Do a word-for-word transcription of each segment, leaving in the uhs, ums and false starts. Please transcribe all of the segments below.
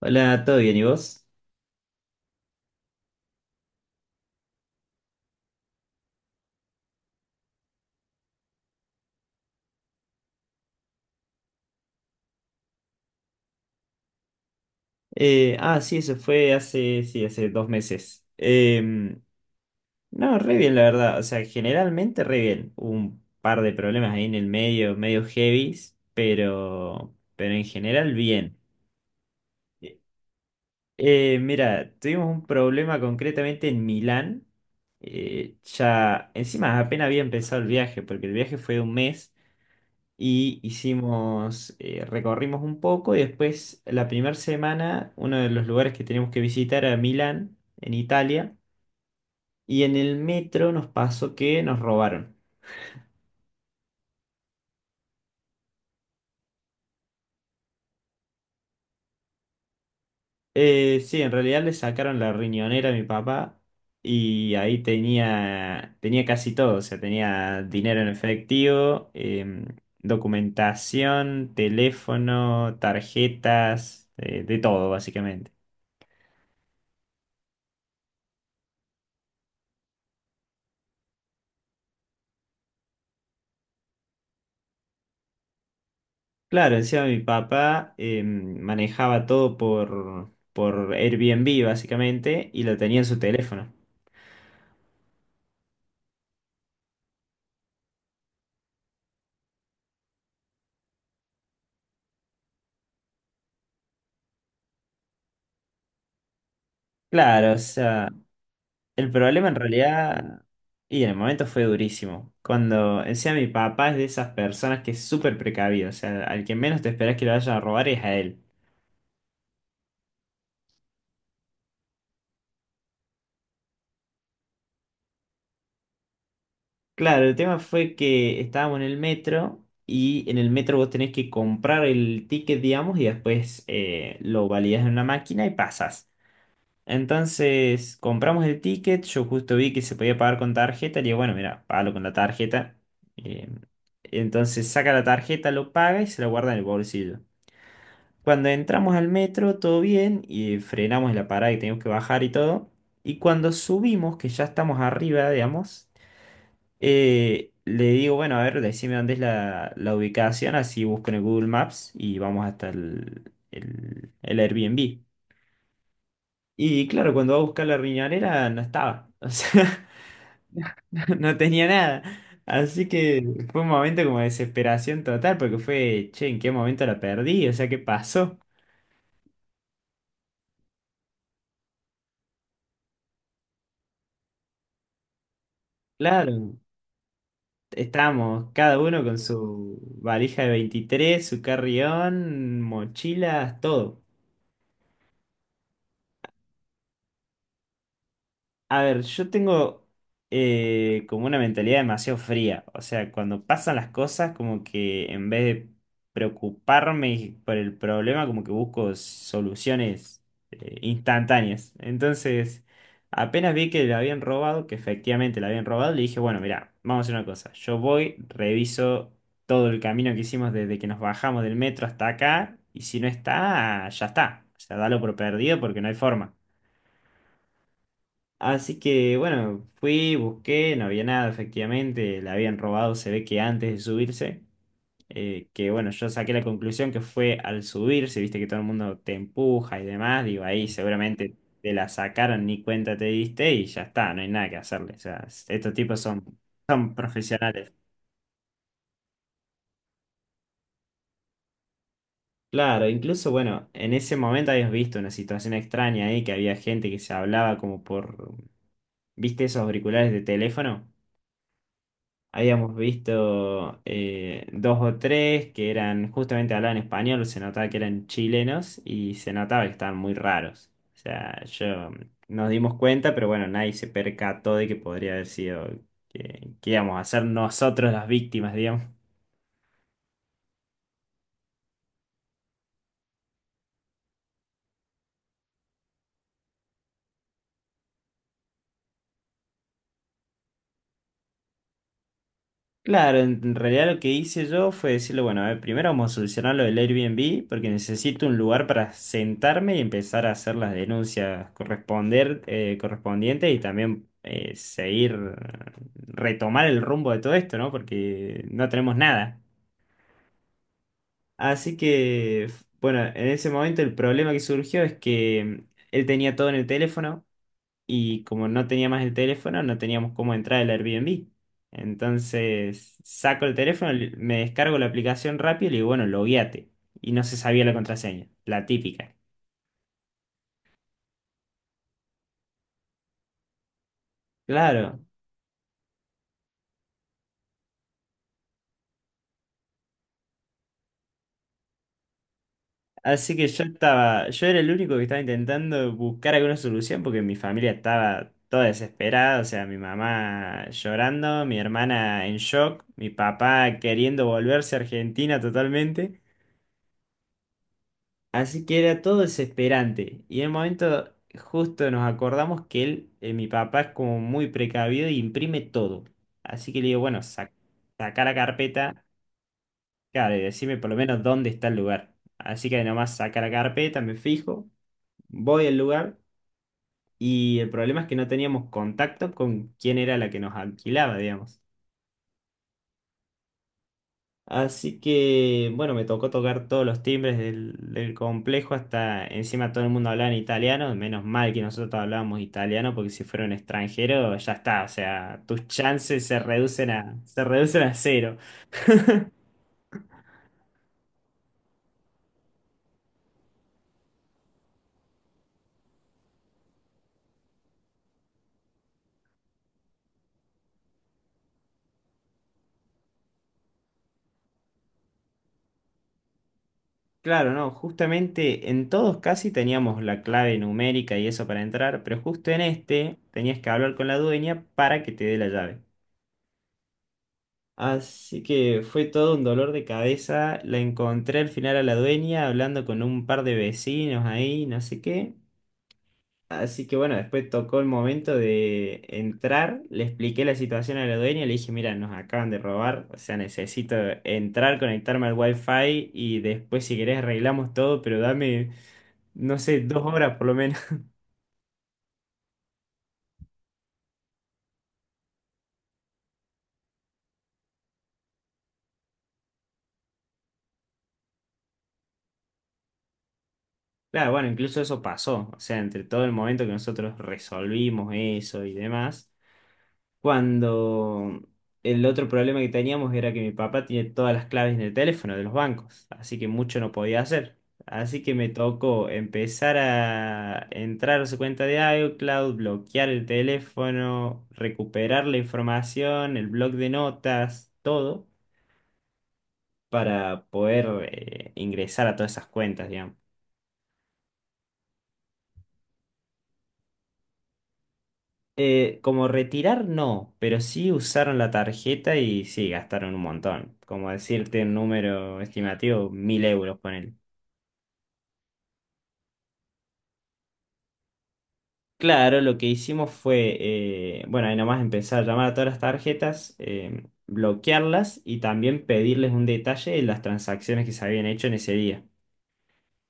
Hola, ¿todo bien? ¿Y vos? Eh, ah, sí, eso fue hace, sí, hace dos meses. Em, no, re bien, la verdad. O sea, generalmente re bien. Hubo un par de problemas ahí en el medio, medio heavies, pero, pero en general bien. Eh, mira, tuvimos un problema concretamente en Milán. Eh, ya, encima apenas había empezado el viaje, porque el viaje fue de un mes. Y hicimos, eh, recorrimos un poco y después la primera semana uno de los lugares que teníamos que visitar era Milán, en Italia, y en el metro nos pasó que nos robaron. Eh, sí, en realidad le sacaron la riñonera a mi papá y ahí tenía, tenía casi todo, o sea, tenía dinero en efectivo, em, documentación, teléfono, tarjetas, eh, de todo básicamente. Claro, encima mi papá eh, manejaba todo por, por Airbnb básicamente y lo tenía en su teléfono. Claro, o sea, el problema en realidad, y en el momento fue durísimo, cuando encima mi papá es de esas personas que es súper precavido, o sea, al que menos te esperas que lo vayan a robar es a él. Claro, el tema fue que estábamos en el metro y en el metro vos tenés que comprar el ticket, digamos, y después eh, lo validás en una máquina y pasas. Entonces compramos el ticket, yo justo vi que se podía pagar con tarjeta, le digo, bueno, mira, págalo con la tarjeta. Eh, entonces saca la tarjeta, lo paga y se la guarda en el bolsillo. Cuando entramos al metro, todo bien, y frenamos en la parada y teníamos que bajar y todo. Y cuando subimos, que ya estamos arriba, digamos, eh, le digo, bueno, a ver, decime dónde es la, la ubicación, así busco en el Google Maps y vamos hasta el, el, el Airbnb. Y claro, cuando va a buscar la riñonera no estaba, o sea, no tenía nada. Así que fue un momento como de desesperación total, porque fue, che, ¿en qué momento la perdí? O sea, ¿qué pasó? Claro, estábamos cada uno con su valija de veintitrés su carrión, mochilas, todo. A ver, yo tengo eh, como una mentalidad demasiado fría. O sea, cuando pasan las cosas, como que en vez de preocuparme por el problema, como que busco soluciones eh, instantáneas. Entonces, apenas vi que la habían robado, que efectivamente la habían robado, le dije, bueno, mira, vamos a hacer una cosa. Yo voy, reviso todo el camino que hicimos desde que nos bajamos del metro hasta acá, y si no está, ya está. O sea, dalo por perdido porque no hay forma. Así que bueno, fui, busqué, no había nada, efectivamente, la habían robado, se ve que antes de subirse, eh, que bueno, yo saqué la conclusión que fue al subirse, viste que todo el mundo te empuja y demás, digo, ahí seguramente te la sacaron, ni cuenta te diste y ya está, no hay nada que hacerle, o sea, estos tipos son, son profesionales. Claro, incluso bueno, en ese momento habías visto una situación extraña ahí, que había gente que se hablaba como por, viste esos auriculares de teléfono. Habíamos visto eh, dos o tres que eran, justamente hablaban español, se notaba que eran chilenos y se notaba que estaban muy raros. O sea, yo nos dimos cuenta, pero bueno, nadie se percató de que podría haber sido que, que íbamos a ser nosotros las víctimas, digamos. Claro, en en realidad lo que hice yo fue decirle, bueno, a ver, primero vamos a solucionar lo del Airbnb porque necesito un lugar para sentarme y empezar a hacer las denuncias corresponder, eh, correspondientes y también eh, seguir, eh, retomar el rumbo de todo esto, ¿no? Porque no tenemos nada. Así que, bueno, en ese momento el problema que surgió es que mm, él tenía todo en el teléfono y como no tenía más el teléfono, no teníamos cómo entrar al Airbnb. Entonces saco el teléfono, le- me descargo la aplicación rápido y le digo, bueno, logueate. Y no se sabía la contraseña, la típica. Claro. Así que yo estaba, yo era el único que estaba intentando buscar alguna solución porque mi familia estaba toda desesperada, o sea, mi mamá llorando, mi hermana en shock, mi papá queriendo volverse a Argentina totalmente. Así que era todo desesperante. Y en un momento justo nos acordamos que él, eh, mi papá, es como muy precavido y imprime todo. Así que le digo, bueno, saca la carpeta, claro, y decime por lo menos dónde está el lugar. Así que nomás saca la carpeta, me fijo, voy al lugar y el problema es que no teníamos contacto con quién era la que nos alquilaba, digamos. Así que, bueno, me tocó tocar todos los timbres del, del complejo, hasta encima todo el mundo hablaba en italiano, menos mal que nosotros hablábamos italiano, porque si fuera un extranjero, ya está, o sea, tus chances se reducen a, se reducen a cero. Claro, no, justamente en todos casi teníamos la clave numérica y eso para entrar, pero justo en este tenías que hablar con la dueña para que te dé la llave. Así que fue todo un dolor de cabeza. La encontré al final a la dueña hablando con un par de vecinos ahí, no sé qué. Así que bueno, después tocó el momento de entrar. Le expliqué la situación a la dueña. Le dije, mira, nos acaban de robar. O sea, necesito entrar, conectarme al wifi y después si querés arreglamos todo, pero dame, no sé, dos horas por lo menos. Claro, bueno, incluso eso pasó. O sea, entre todo el momento que nosotros resolvimos eso y demás. Cuando el otro problema que teníamos era que mi papá tiene todas las claves en el teléfono de los bancos, así que mucho no podía hacer. Así que me tocó empezar a entrar a su cuenta de iCloud, bloquear el teléfono, recuperar la información, el blog de notas, todo, para poder eh, ingresar a todas esas cuentas. Eh, como retirar, no, pero sí usaron la tarjeta y sí, gastaron un montón. Como decirte un número estimativo, mil euros con él. Claro, lo que hicimos fue, eh, bueno, ahí nomás empezar a llamar a todas las tarjetas, eh, bloquearlas y también pedirles un detalle de las transacciones que se habían hecho en ese día.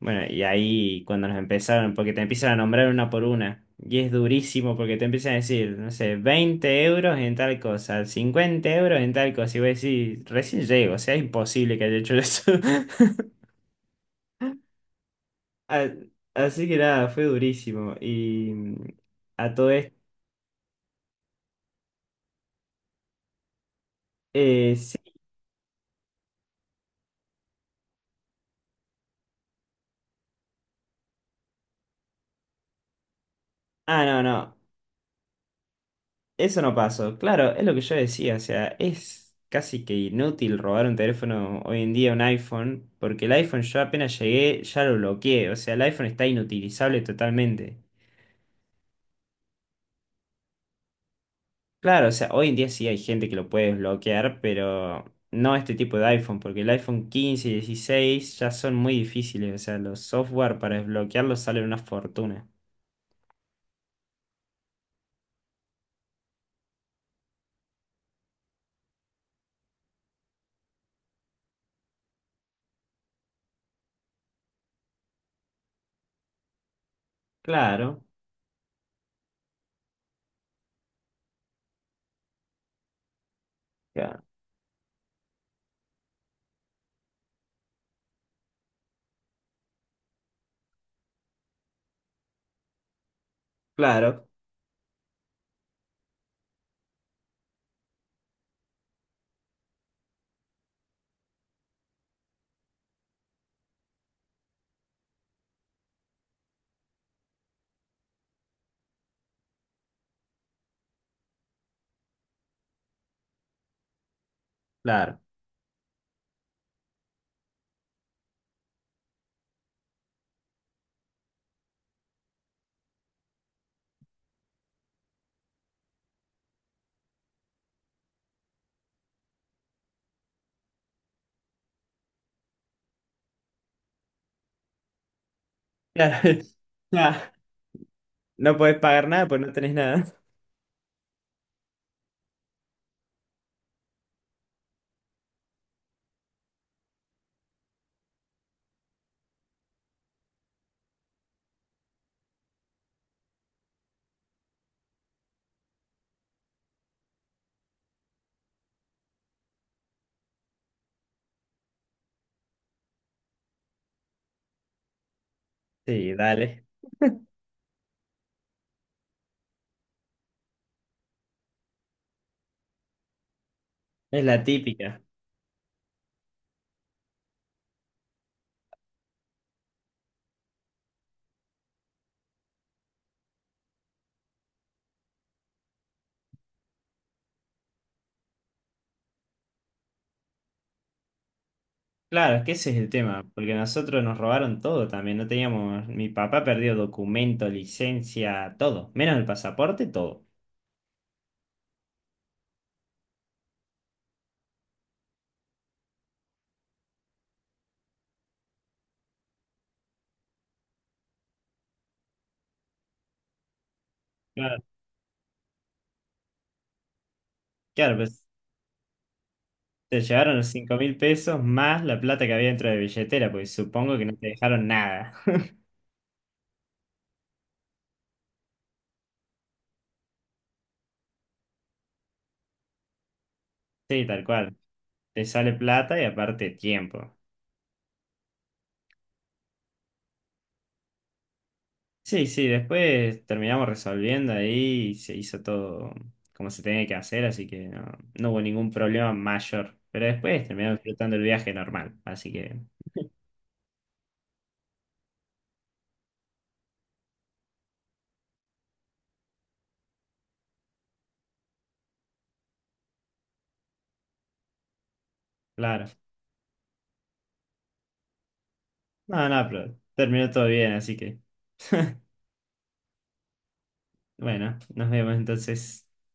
Bueno, y ahí cuando nos empezaron, porque te empiezan a nombrar una por una, y es durísimo porque te empiezan a decir, no sé, veinte euros en tal cosa, cincuenta euros en tal cosa, y voy a decir recién llego, o sea, es imposible que haya hecho eso. A- Así que nada, fue durísimo. Y mm, a todo esto, eh, sí. Ah, no, no. Eso no pasó. Claro, es lo que yo decía. O sea, es casi que inútil robar un teléfono hoy en día, un iPhone, porque el iPhone yo apenas llegué, ya lo bloqueé. O sea, el iPhone está inutilizable totalmente. Claro, o sea, hoy en día sí hay gente que lo puede desbloquear, pero no este tipo de iPhone, porque el iPhone quince y dieciséis ya son muy difíciles. O sea, los software para desbloquearlos salen una fortuna. Claro, claro, claro, claro. Claro. No podés pagar nada, pues no tenés nada. Sí, dale. Es la típica. Claro, es que ese es el tema, porque nosotros nos robaron todo también, no teníamos, mi papá perdió documento, licencia, todo, menos el pasaporte, todo. Claro, claro, pues te llevaron los cinco mil pesos más la plata que había dentro de la billetera, pues supongo que no te dejaron nada. Sí, tal cual. Te sale plata y aparte tiempo. Sí, sí, después terminamos resolviendo ahí y se hizo todo como se tenía que hacer, así que no, no hubo ningún problema mayor. Pero después terminamos disfrutando el viaje normal, así que, claro. No, no, pero terminó todo bien, así que, bueno, nos vemos entonces.